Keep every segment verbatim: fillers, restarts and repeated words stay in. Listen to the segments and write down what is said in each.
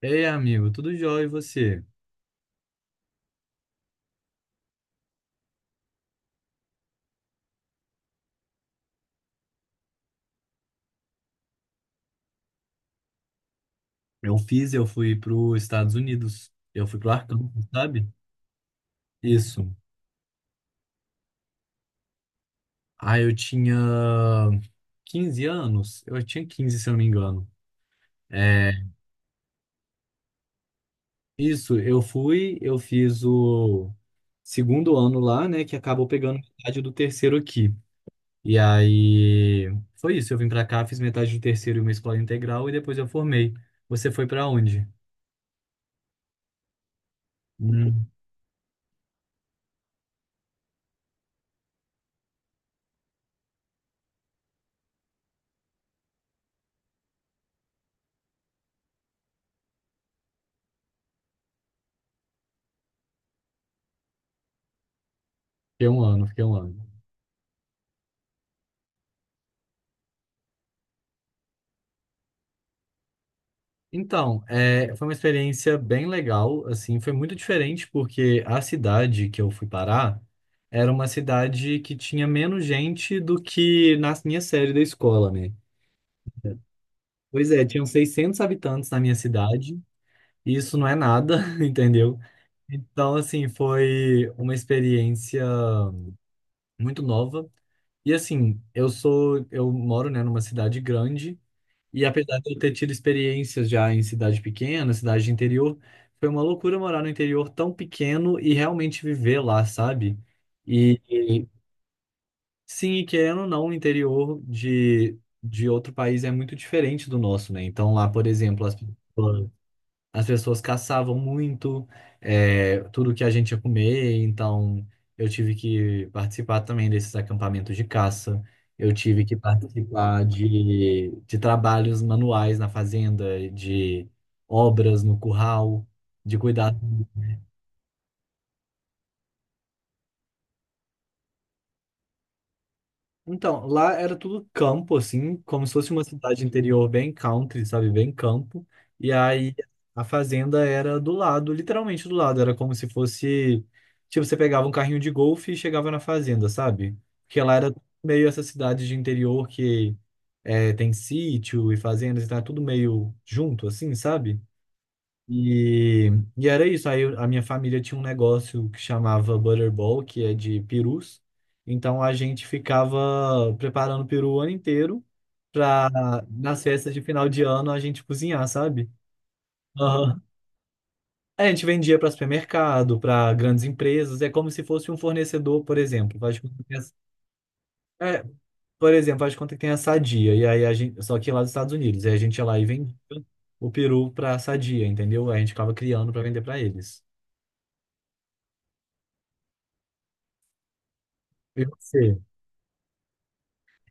Ei, amigo, tudo jóia e você? Eu fiz, eu fui para os Estados Unidos. Eu fui pro Arkansas, sabe? Isso. Ah, eu tinha quinze anos. Eu tinha quinze se eu não me engano. É, isso, eu fui, eu fiz o segundo ano lá, né, que acabou pegando metade do terceiro aqui. E aí foi isso, eu vim pra cá, fiz metade do terceiro em uma escola integral e depois eu formei. Você foi pra onde? Hum, fiquei um ano, fiquei um ano. Então, é, foi uma experiência bem legal, assim, foi muito diferente porque a cidade que eu fui parar era uma cidade que tinha menos gente do que na minha série da escola, né? Pois é, tinham seiscentos habitantes na minha cidade, e isso não é nada, entendeu? Então, assim, foi uma experiência muito nova. E assim, eu sou, eu moro, né, numa cidade grande. E apesar de eu ter tido experiências já em cidade pequena, cidade de interior, foi uma loucura morar no interior tão pequeno e realmente viver lá, sabe? E e, sim, e querendo ou não, o interior de, de outro país é muito diferente do nosso, né? Então lá, por exemplo, as pessoas as pessoas caçavam muito, é, tudo que a gente ia comer, então eu tive que participar também desses acampamentos de caça. Eu tive que participar de, de trabalhos manuais na fazenda, de obras no curral, de cuidar. Então, lá era tudo campo, assim, como se fosse uma cidade interior bem country, sabe? Bem campo. E aí a fazenda era do lado, literalmente do lado. Era como se fosse. Tipo, você pegava um carrinho de golfe e chegava na fazenda, sabe? Porque lá era meio essa cidade de interior que é, tem sítio e fazendas, então é tudo meio junto, assim, sabe? E, e era isso. Aí eu- a minha família tinha um negócio que chamava Butterball, que é de perus. Então a gente ficava preparando peru o ano inteiro para nas festas de final de ano a gente cozinhar, sabe? Aham. É, a gente vendia para supermercado, para grandes empresas. É como se fosse um fornecedor, por exemplo. Faz de conta que tem a- é, por exemplo, faz de conta que tem a Sadia. E aí a gente, só que lá dos Estados Unidos. Aí a gente ia lá e vendia o peru para a Sadia, entendeu? Aí a gente ficava criando para vender para eles. E você?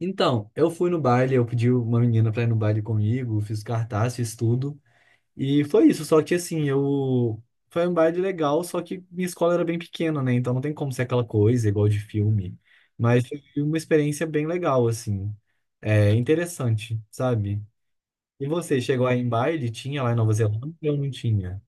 Então, eu fui no baile, eu pedi uma menina pra ir no baile comigo, fiz cartaz, fiz tudo. E foi isso, só que assim, eu. Foi um baile legal, só que minha escola era bem pequena, né? Então não tem como ser aquela coisa igual de filme. Mas foi uma experiência bem legal, assim. É interessante, sabe? E você, chegou aí em baile? Tinha lá em Nova Zelândia ou não tinha?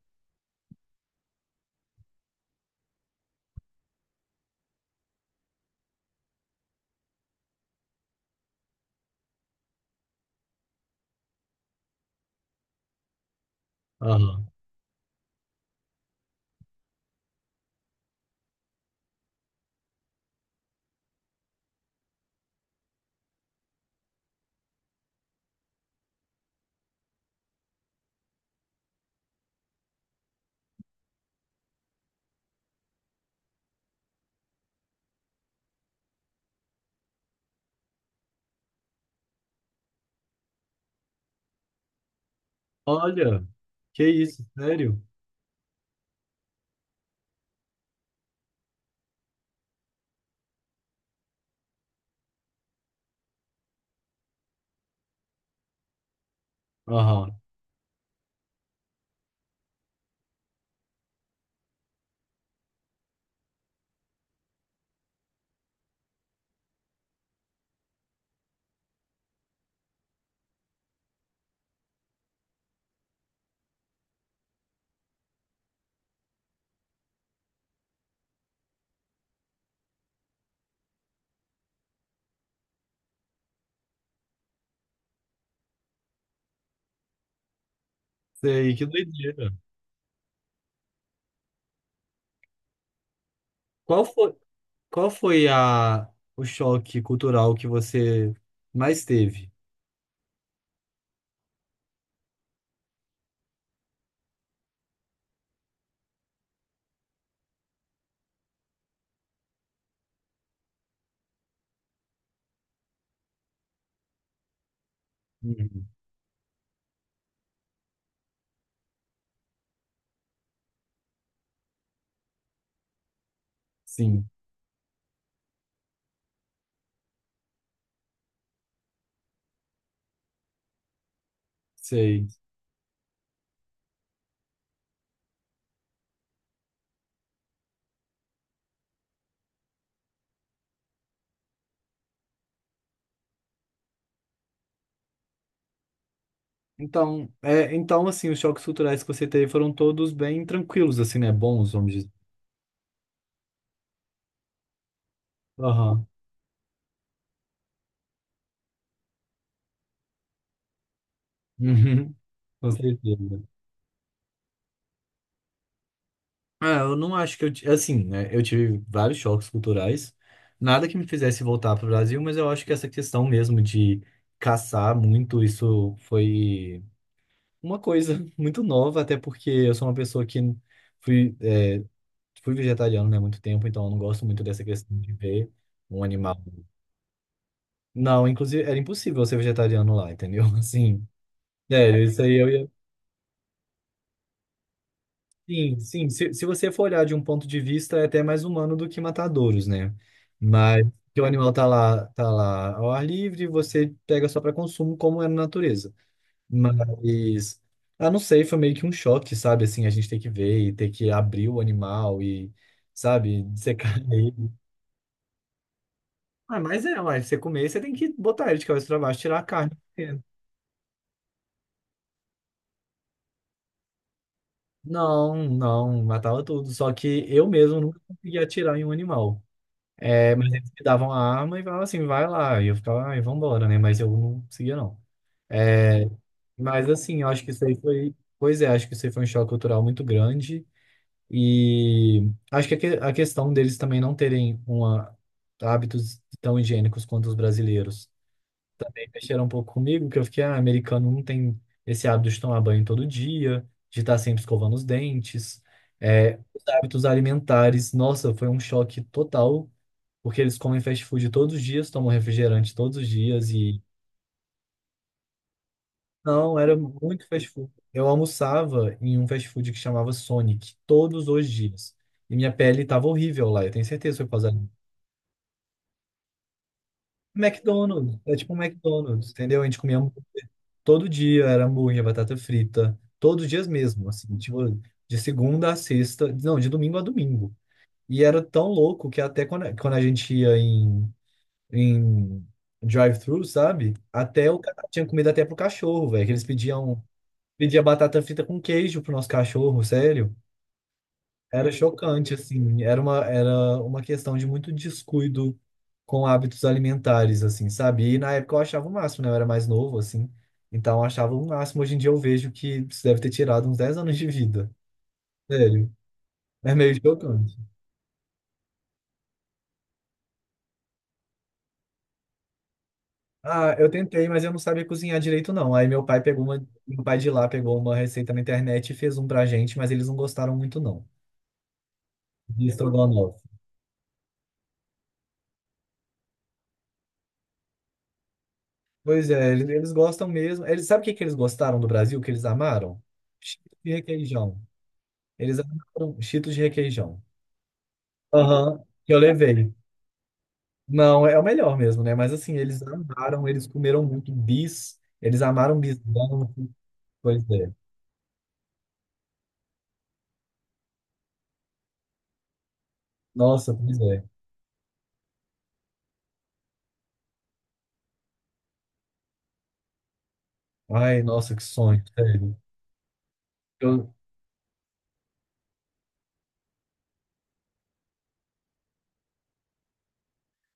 Aham. Olha, que isso, sério? Aham. Sei, que doideira. Qual foi? Qual foi a, o choque cultural que você mais teve? Uhum. Sim, sei. Então, é, então, assim, os choques culturais que você teve foram todos bem tranquilos, assim, né? Bons, vamos dizer. Aham. Uhum. Com certeza. Ah, eu não acho que eu, ti- assim, né? Eu tive vários choques culturais, nada que me fizesse voltar para o Brasil, mas eu acho que essa questão mesmo de caçar muito, isso foi uma coisa muito nova, até porque eu sou uma pessoa que fui fui vegetariano, né, há muito tempo, então eu não gosto muito dessa questão de ver um animal. Não, inclusive era impossível eu ser vegetariano lá, entendeu? Assim, sério, isso aí eu ia. Sim, sim. Se, se você for olhar de um ponto de vista, é até mais humano do que matadouros, né? Mas que o animal tá lá, tá lá ao ar livre, você pega só para consumo, como é na natureza. Mas, ah, não sei, foi meio que um choque, sabe? Assim, a gente ter que ver e ter que abrir o animal e, sabe, dissecar ele. Ah, mas é, ué, você comer, você tem que botar ele de cabeça pra baixo, tirar a carne. É. Não, não, matava tudo. Só que eu mesmo nunca conseguia atirar em um animal. É, mas eles me davam a arma e falavam assim, vai lá. E eu ficava, ai, vambora, né? Mas eu não conseguia, não. É, mas assim, eu acho que isso aí foi. Pois é, acho que isso aí foi um choque cultural muito grande. E acho que a que- a questão deles também não terem uma, hábitos tão higiênicos quanto os brasileiros mexeram um pouco comigo, que eu fiquei, ah, americano não tem esse hábito de tomar banho todo dia, de estar sempre escovando os dentes. É, os hábitos alimentares, nossa, foi um choque total, porque eles comem fast food todos os dias, tomam refrigerante todos os dias e não, era muito fast food. Eu almoçava em um fast food que chamava Sonic todos os dias. E minha pele tava horrível lá, eu tenho certeza que foi por causa da- McDonald's, é tipo um McDonald's, entendeu? A gente comia. Todo dia era hambúrguer, batata frita, todos os dias mesmo, assim, tipo, de segunda a sexta, não, de domingo a domingo. E era tão louco que até quando, quando a gente ia em, em drive-thru, sabe? Até o cara tinha comida até pro cachorro, velho, que eles pediam, pedia batata frita com queijo pro nosso cachorro, sério. Era chocante, assim, era uma, era uma questão de muito descuido com hábitos alimentares, assim, sabe? E na época eu achava o máximo, né? Eu era mais novo, assim, então eu achava o máximo. Hoje em dia eu vejo que isso deve ter tirado uns dez anos de vida, sério. É meio chocante. Ah, eu tentei, mas eu não sabia cozinhar direito, não. Aí meu pai pegou uma, meu pai de lá pegou uma receita na internet e fez um pra gente, mas eles não gostaram muito, não, de estrogonofe. Pois é, eles, eles gostam mesmo. Eles, sabe o que que eles gostaram do Brasil, que eles amaram? Chips e requeijão. Eles amaram Cheetos de requeijão, Aham, que eu levei. Não, é o melhor mesmo, né? Mas assim, eles amaram, eles comeram muito bis, eles amaram bisão. Pois é. Nossa, pois é. Ai, nossa, que sonho, sério. Eu-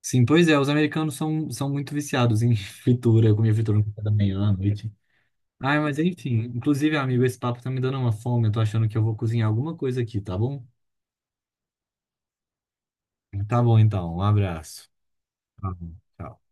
sim, pois é, os americanos são, são muito viciados em fritura, eu comia fritura no café da manhã, à noite. Ai, mas enfim, inclusive, amigo, esse papo tá me dando uma fome, eu tô achando que eu vou cozinhar alguma coisa aqui, tá bom? Tá bom, então, um abraço. Tá bom, tchau.